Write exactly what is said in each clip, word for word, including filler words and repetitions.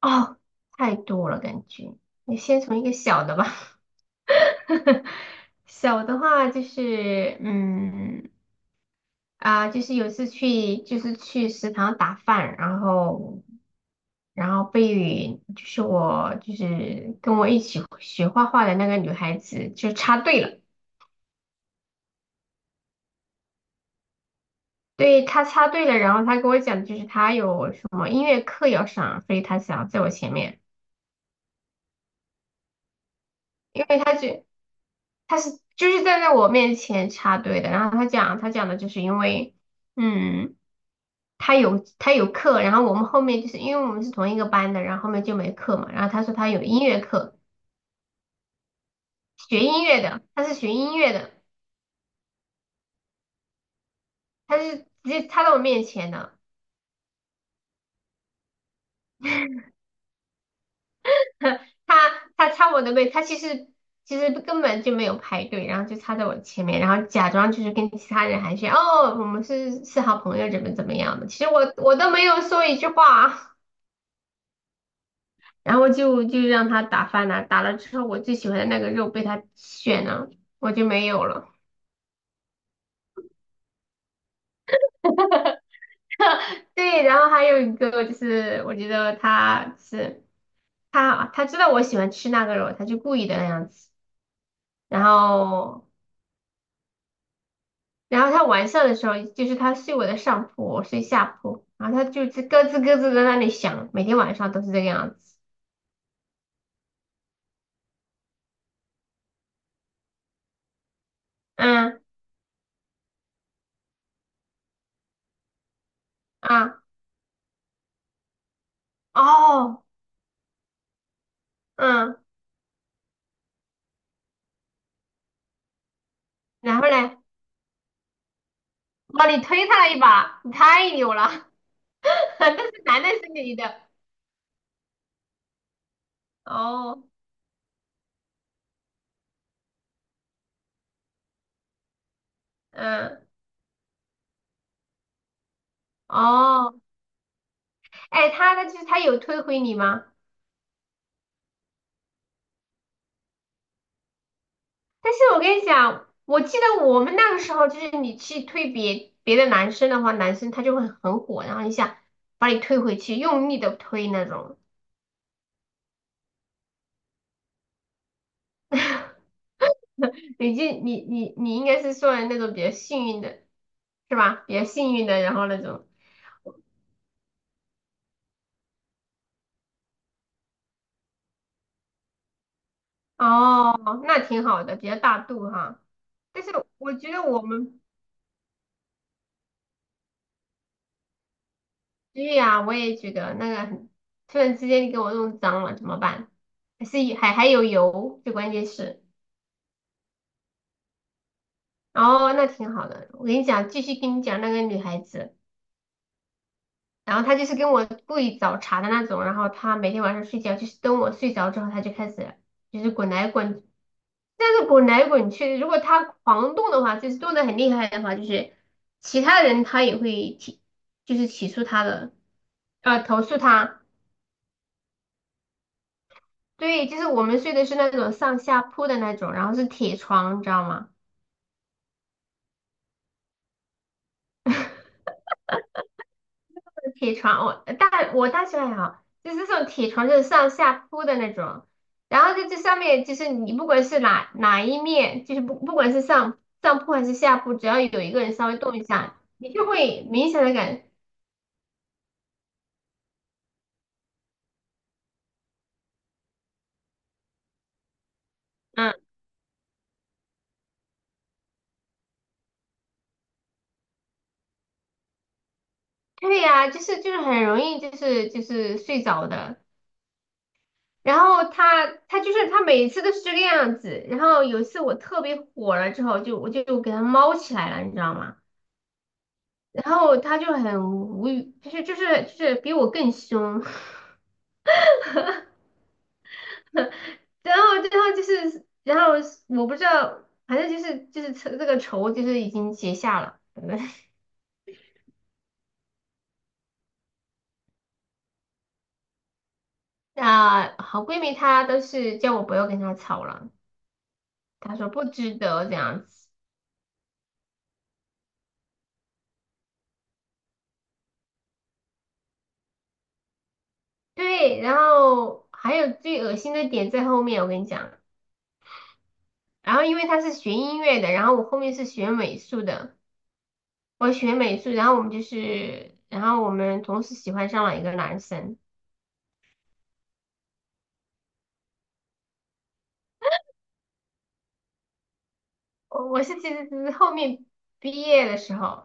哦，太多了，感觉。你先从一个小的吧。小的话就是，嗯，啊、就是有一次去，就是去食堂打饭，然后，然后被就是我就是跟我一起学画画的那个女孩子就插队了。对，她插队了，然后她跟我讲，就是她有什么音乐课要上，所以她想在我前面，因为她就。他是就是站在我面前插队的，然后他讲他讲的就是因为，嗯，他有他有课，然后我们后面就是因为我们是同一个班的，然后后面就没课嘛，然后他说他有音乐课，学音乐的，他是学音乐的，他是直接插到我面前的。他他插我的位，他其实其实根本就没有排队，然后就插在我前面，然后假装就是跟其他人寒暄，哦，我们是是好朋友，怎么怎么样的，其实我我都没有说一句话。然后就就让他打饭了，打了之后我最喜欢的那个肉被他选了，我就没有了。对，然后还有一个就是我觉得他是他他知道我喜欢吃那个肉，他就故意的那样子。然后然后他晚上的时候，就是他睡我的上铺，我睡下铺，然后他就是咯吱咯吱地在那里响，每天晚上都是这个样子。嗯。啊。哦。嗯，然后呢？哇，你推他了一把，你太牛了。但是男的是女的？哦。嗯。哦。哎，他的就是他有推回你吗？但是我跟你讲，我记得我们那个时候，就是你去推别别的男生的话，男生他就会很火，然后一下把你推回去，用力的推那种。你就你你你应该是算那种比较幸运的，是吧？比较幸运的，然后那种。哦，那挺好的，比较大度哈。但是我觉得我们。对呀，我也觉得那个很，突然之间你给我弄脏了怎么办？还是还还有油，最关键是。哦，那挺好的。我跟你讲，继续跟你讲那个女孩子，然后她就是跟我故意找茬的那种，然后她每天晚上睡觉就是等我睡着之后，她就开始就是滚来滚，但是滚来滚去。如果她狂动的话，就是动的很厉害的话，就是其他人她也会提，就是起诉她的，呃，投诉她。对，就是我们睡的是那种上下铺的那种，然后是铁床，你知道吗？铁床，我呃大我大学还好，就是这种铁床就是上下铺的那种，然后在这上面就是你不管是哪哪一面，就是不不管是上上铺还是下铺，只要有一个人稍微动一下，你就会明显的感。嗯，对呀、就是就是很容易就是就是睡着的。然后他他就是他每次都是这个样子，然后有一次我特别火了之后，就我就给他猫起来了，你知道吗？然后他就很无语，就是就是就是比我更凶。然后然后就是然后我不知道，反正就是就是这个仇就是已经结下了。那好闺蜜她都是叫我不要跟她吵了，她说不值得这样子。对，然后还有最恶心的点在后面，我跟你讲。然后因为他是学音乐的，然后我后面是学美术的，我学美术，然后我们就是，然后我们同时喜欢上了一个男生。我我是其实只是后面毕业的时候，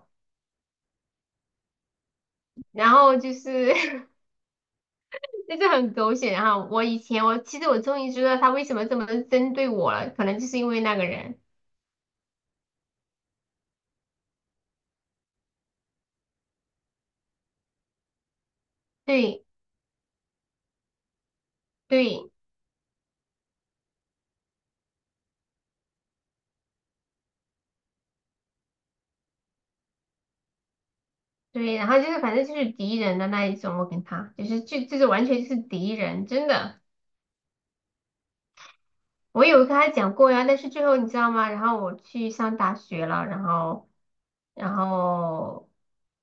然后就是 就是很狗血，然后我以前我其实我终于知道他为什么这么针对我了，可能就是因为那个人。对对对，然后就是反正就是敌人的那一种，我跟他就是就就是完全就是敌人，真的。我有跟他讲过呀，但是最后你知道吗？然后我去上大学了，然后，然后，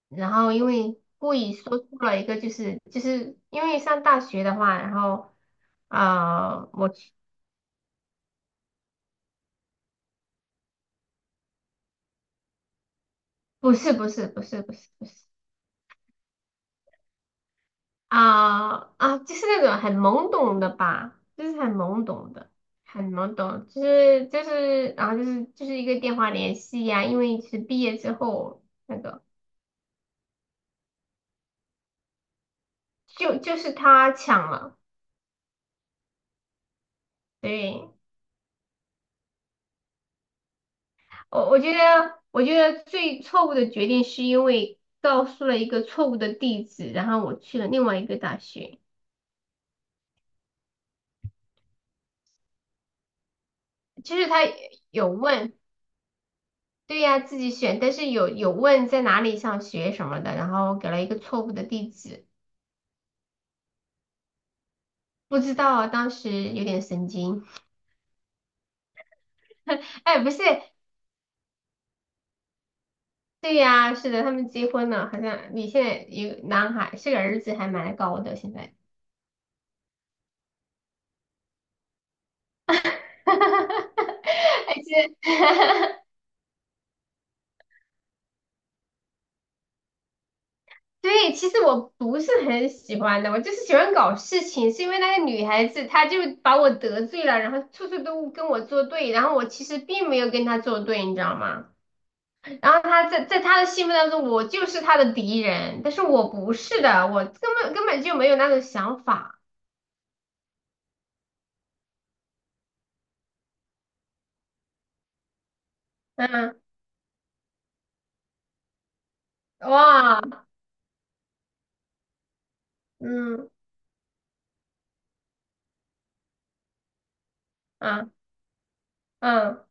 然后因为故意说出了一个，就是就是因为上大学的话，然后，啊，我去。不是不是不是不是不是。啊啊，就是那种很懵懂的吧，就是很懵懂的，很懵懂，就是就是，然后就是就是一个电话联系呀，因为是毕业之后那个，就就是他抢了，对。我我觉得，我觉得最错误的决定是因为告诉了一个错误的地址，然后我去了另外一个大学。就是他有问，对呀，自己选，但是有有问在哪里上学什么的，然后给了一个错误的地址，不知道啊，当时有点神经。哎，不是。对呀，是的，他们结婚了，好像你现在有男孩，是个儿子，还蛮高的，现在。哈哈哈哈哈。而且对，其实我不是很喜欢的，我就是喜欢搞事情，是因为那个女孩子她就把我得罪了，然后处处都跟我作对，然后我其实并没有跟她作对，你知道吗？然后她在在她的心目当中，我就是她的敌人，但是我不是的，我根本根本就没有那种想法。嗯。哇。嗯。啊。嗯。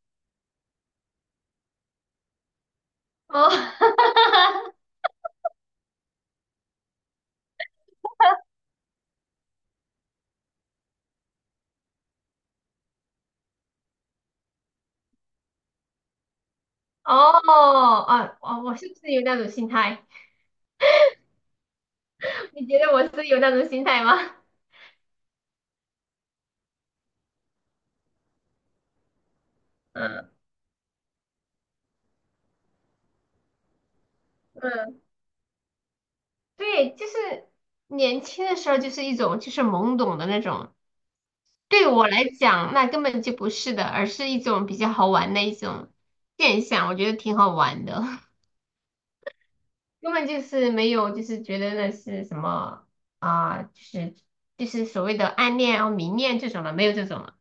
哦。哦。啊。哦，我是不是有那种心态？你觉得我是有那种心态吗？嗯嗯。对，就是年轻的时候就是一种就是懵懂的那种，对我来讲那根本就不是的，而是一种比较好玩的一种现象，我觉得挺好玩的。根本就是没有就是觉得那是什么啊、就是就是所谓的暗恋啊、迷恋这种的，没有这种。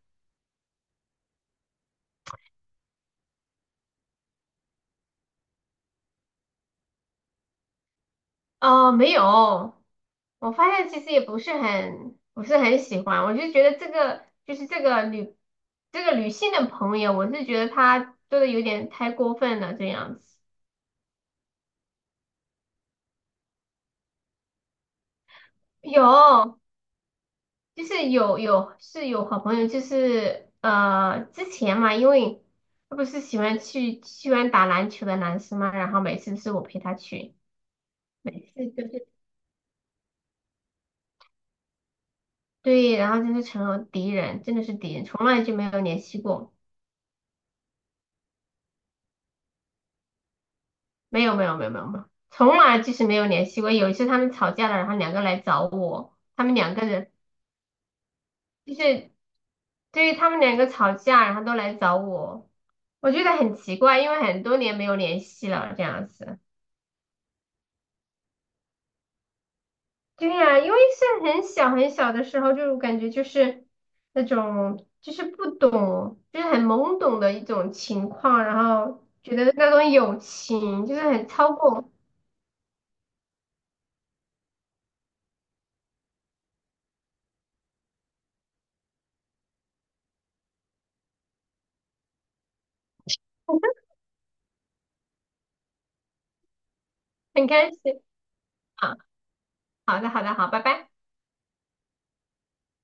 哦，没有，我发现其实也不是很不是很喜欢，我就觉得这个就是这个女这个女性的朋友，我是觉得她做的有点太过分了这样子。有，就是有有是有好朋友，就是呃之前嘛，因为他不是喜欢去喜欢打篮球的男生嘛，然后每次是我陪他去，是就是对，然后就是成了敌人，真的是敌人，从来就没有联系过。没有没有没有没有没有，从来就是没有联系过。有一次他们吵架了，然后两个来找我，他们两个人就是对于他们两个吵架，然后都来找我，我觉得很奇怪，因为很多年没有联系了这样子。对呀，因为是很小很小的时候，就感觉就是那种就是不懂，就是很懵懂的一种情况，然后觉得那种友情就是很超过。很开心啊。好的好的好，拜拜。